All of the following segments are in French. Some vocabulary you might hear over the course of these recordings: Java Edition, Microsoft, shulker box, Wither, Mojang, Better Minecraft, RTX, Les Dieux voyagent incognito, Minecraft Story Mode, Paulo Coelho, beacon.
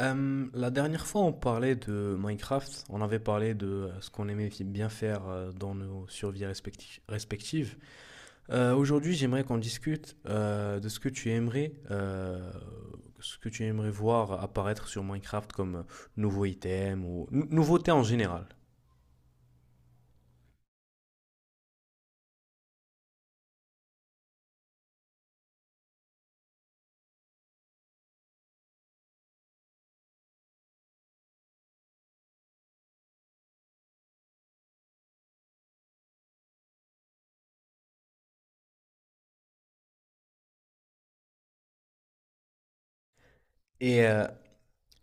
La dernière fois, on parlait de Minecraft. On avait parlé de ce qu'on aimait bien faire dans nos survies respectives. Aujourd'hui, j'aimerais qu'on discute de ce que tu aimerais voir apparaître sur Minecraft comme nouveau item ou nouveauté en général. Et, euh,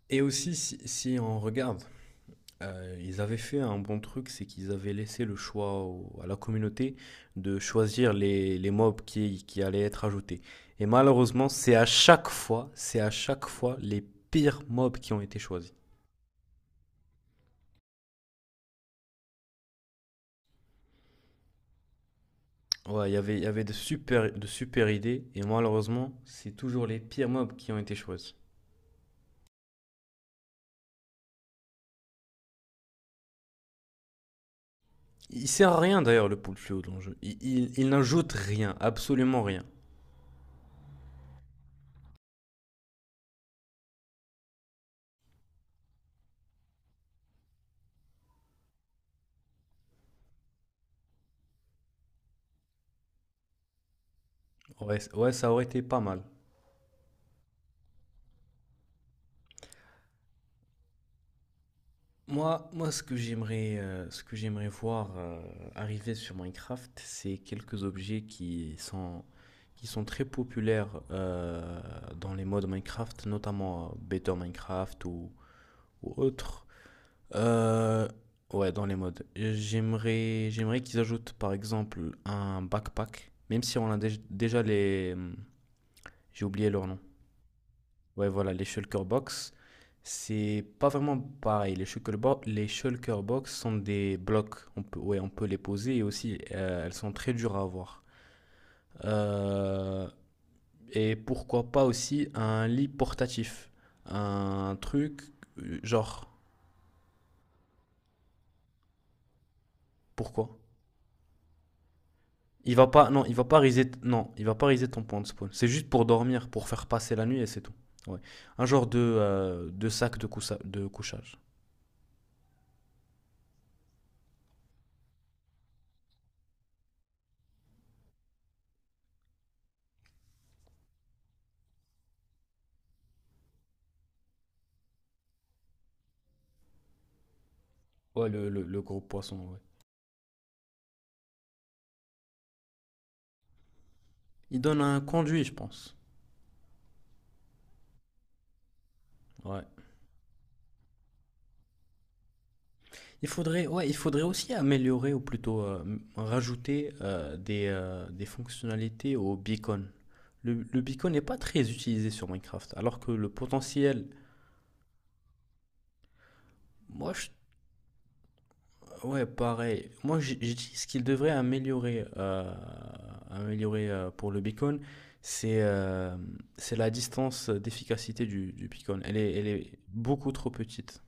et aussi, si on regarde. Ils avaient fait un bon truc, c'est qu'ils avaient laissé le choix à la communauté de choisir les mobs qui allaient être ajoutés. Et malheureusement, c'est à chaque fois les pires mobs qui ont été choisis. Ouais, il y avait de super idées, et malheureusement, c'est toujours les pires mobs qui ont été choisis. Il sert à rien d'ailleurs le pool fluo dans le jeu. Il n'ajoute rien, absolument rien. Ouais, ouais, ça aurait été pas mal. Moi, ce que j'aimerais voir arriver sur Minecraft, c'est quelques objets qui sont très populaires dans les modes Minecraft, notamment Better Minecraft ou autres. Euh, ouais, dans les modes. J'aimerais qu'ils ajoutent par exemple un backpack, même si on a déjà les, j'ai oublié leur nom. Ouais, voilà, les shulker box, c'est pas vraiment pareil. Les shulker box sont des blocs. On peut, ouais, on peut les poser et aussi elles sont très dures à avoir. Euh, et pourquoi pas aussi un lit portatif, un truc genre pourquoi? Il va pas, non, il va pas riser, t- Non, il va pas riser ton point de spawn. C'est juste pour dormir, pour faire passer la nuit et c'est tout. Ouais. Un genre de sac de couchage. Ouais, le gros poisson. Ouais. Il donne un conduit, je pense. Ouais. Il faudrait, ouais, il faudrait aussi améliorer ou plutôt rajouter des fonctionnalités au beacon. Le beacon n'est pas très utilisé sur Minecraft, alors que le potentiel, moi, je- ouais, pareil. Moi, j'ai dit ce qu'il devrait améliorer, pour le beacon, c'est euh, c'est la distance d'efficacité du beacon. Elle est beaucoup trop petite.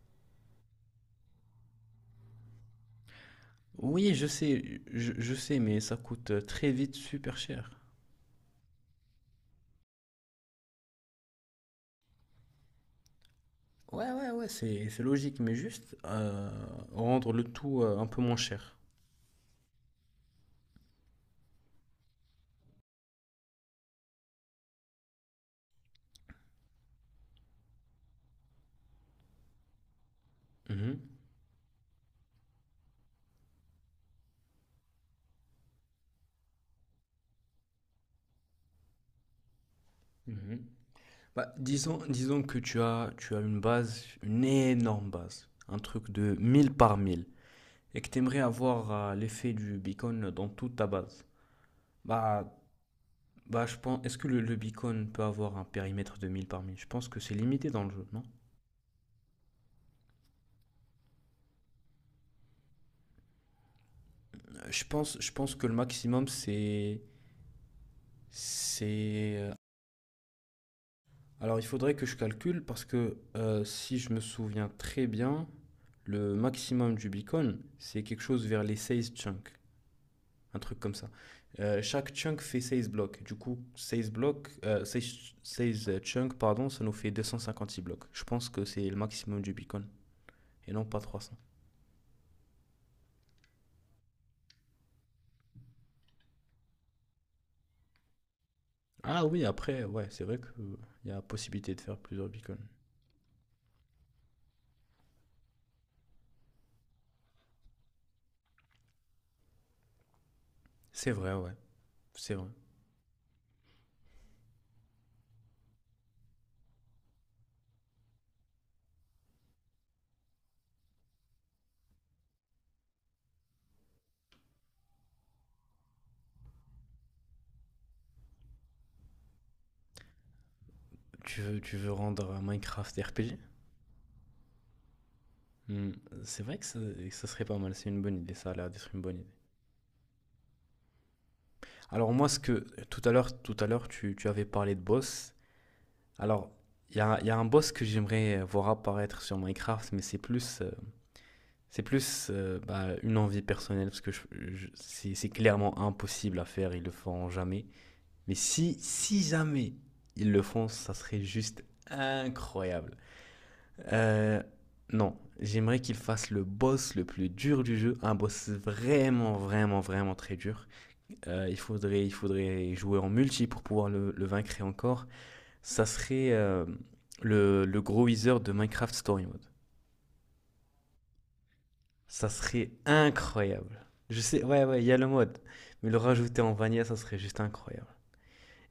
Oui, je sais, je sais, mais ça coûte très vite super cher. Ouais, ouais, ouais, c'est logique, mais juste rendre le tout un peu moins cher. Mhm, mhm. Bah, disons que tu as une base, une énorme base, un truc de 1000 par 1000 et que tu aimerais avoir l'effet du beacon dans toute ta base. Bah, bah, je pense, est-ce que le beacon peut avoir un périmètre de 1000 par 1000. Je pense que c'est limité dans le jeu, non? Je pense que le maximum, c'est C'est. Alors, il faudrait que je calcule parce que si je me souviens très bien, le maximum du Bitcoin, c'est quelque chose vers les 16 chunks, un truc comme ça. Chaque chunk fait 16 blocs. Du coup, 16 blocs, 16, 16 chunks, pardon, ça nous fait 256 blocs. Je pense que c'est le maximum du Bitcoin et non pas 300. Ah oui, après, ouais, c'est vrai qu'il y a possibilité de faire plusieurs Bitcoins. C'est vrai, ouais, c'est vrai. Tu veux rendre Minecraft RPG? Hmm. C'est vrai que ça serait pas mal, c'est une bonne idée, ça a l'air d'être une bonne idée. Alors moi, ce que tout à l'heure, tu avais parlé de boss. Alors, il y a un boss que j'aimerais voir apparaître sur Minecraft, mais c'est plus, bah, une envie personnelle, parce que c'est clairement impossible à faire, ils le feront jamais. Mais si jamais ils le font, ça serait juste incroyable. Euh, non, j'aimerais qu'il fasse le boss le plus dur du jeu, un boss vraiment, vraiment, vraiment très dur. Il faudrait jouer en multi pour pouvoir le vaincre et encore. Ça serait le gros Weezer de Minecraft Story Mode. Ça serait incroyable. Je sais, ouais, ouais, il y a le mode, mais le rajouter en vanilla, ça serait juste incroyable.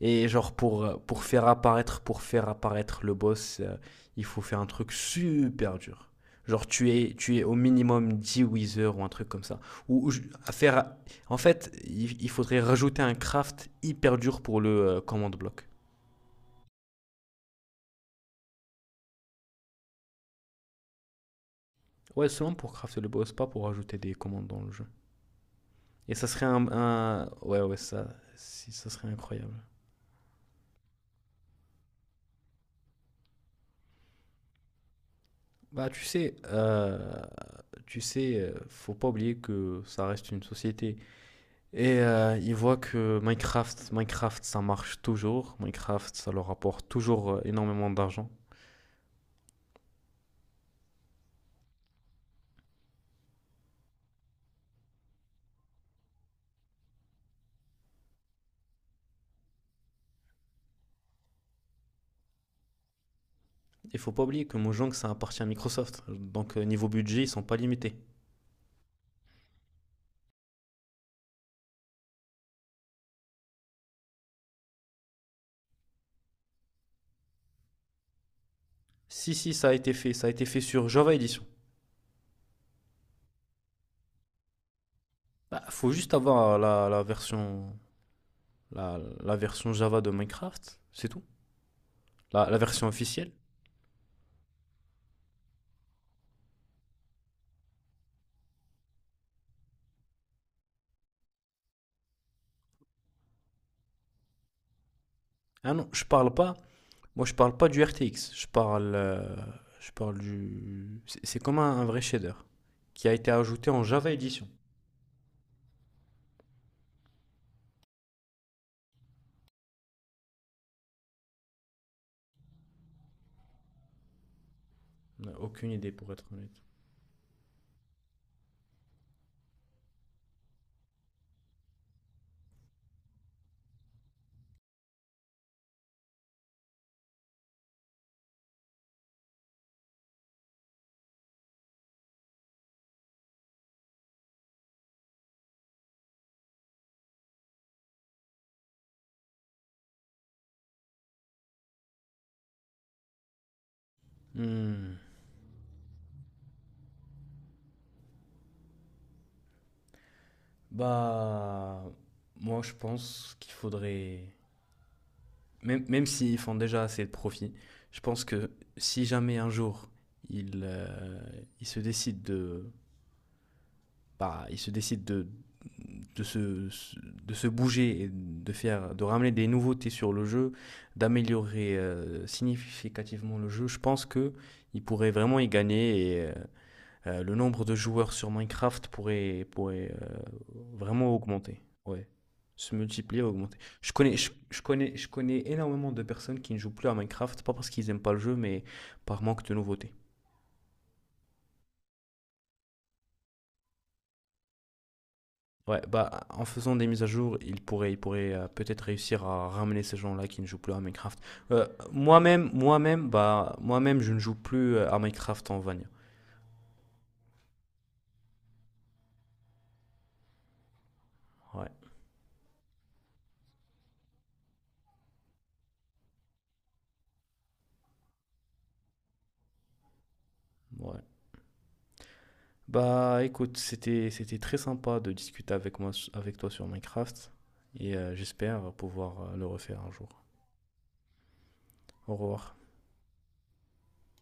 Et genre pour faire apparaître le boss, il faut faire un truc super dur. Genre tu es au minimum 10 Wither ou un truc comme ça. Ou je- à faire, En fait, il faudrait rajouter un craft hyper dur pour le command block. Ouais, seulement pour crafter le boss, pas pour rajouter des commandes dans le jeu. Et ça serait ouais, ouais, ça, si, ça serait incroyable. Bah tu sais, faut pas oublier que ça reste une société. Et ils voient que Minecraft, ça marche toujours. Minecraft, ça leur rapporte toujours énormément d'argent. Il faut pas oublier que Mojang, ça appartient à Microsoft. Donc, niveau budget, ils sont pas limités. Si, si, ça a été fait. Ça a été fait sur Java Edition. Bah, faut juste avoir la version, la version Java de Minecraft, c'est tout. La version officielle. Ah non, je parle pas. Moi, je parle pas du RTX. Je parle du. C'est comme un vrai shader qui a été ajouté en Java Edition. Aucune idée pour être honnête. Hmm. Bah, moi je pense qu'il faudrait, même s'ils font déjà assez de profit, je pense que si jamais un jour ils, euh, ils se décident de, bah, ils se décident de se, de se bouger et de ramener des nouveautés sur le jeu, d'améliorer significativement le jeu, je pense que ils pourraient vraiment y gagner et le nombre de joueurs sur Minecraft pourrait vraiment augmenter. Ouais. Se multiplier, augmenter. Je connais énormément de personnes qui ne jouent plus à Minecraft, pas parce qu'ils n'aiment pas le jeu, mais par manque de nouveautés. Ouais, bah, en faisant des mises à jour, il pourrait peut-être réussir à ramener ces gens-là qui ne jouent plus à Minecraft. Bah, je ne joue plus à Minecraft en Vanilla. Ouais, ouais. Bah écoute, c'était très sympa de discuter avec toi sur Minecraft et j'espère pouvoir le refaire un jour. Au revoir.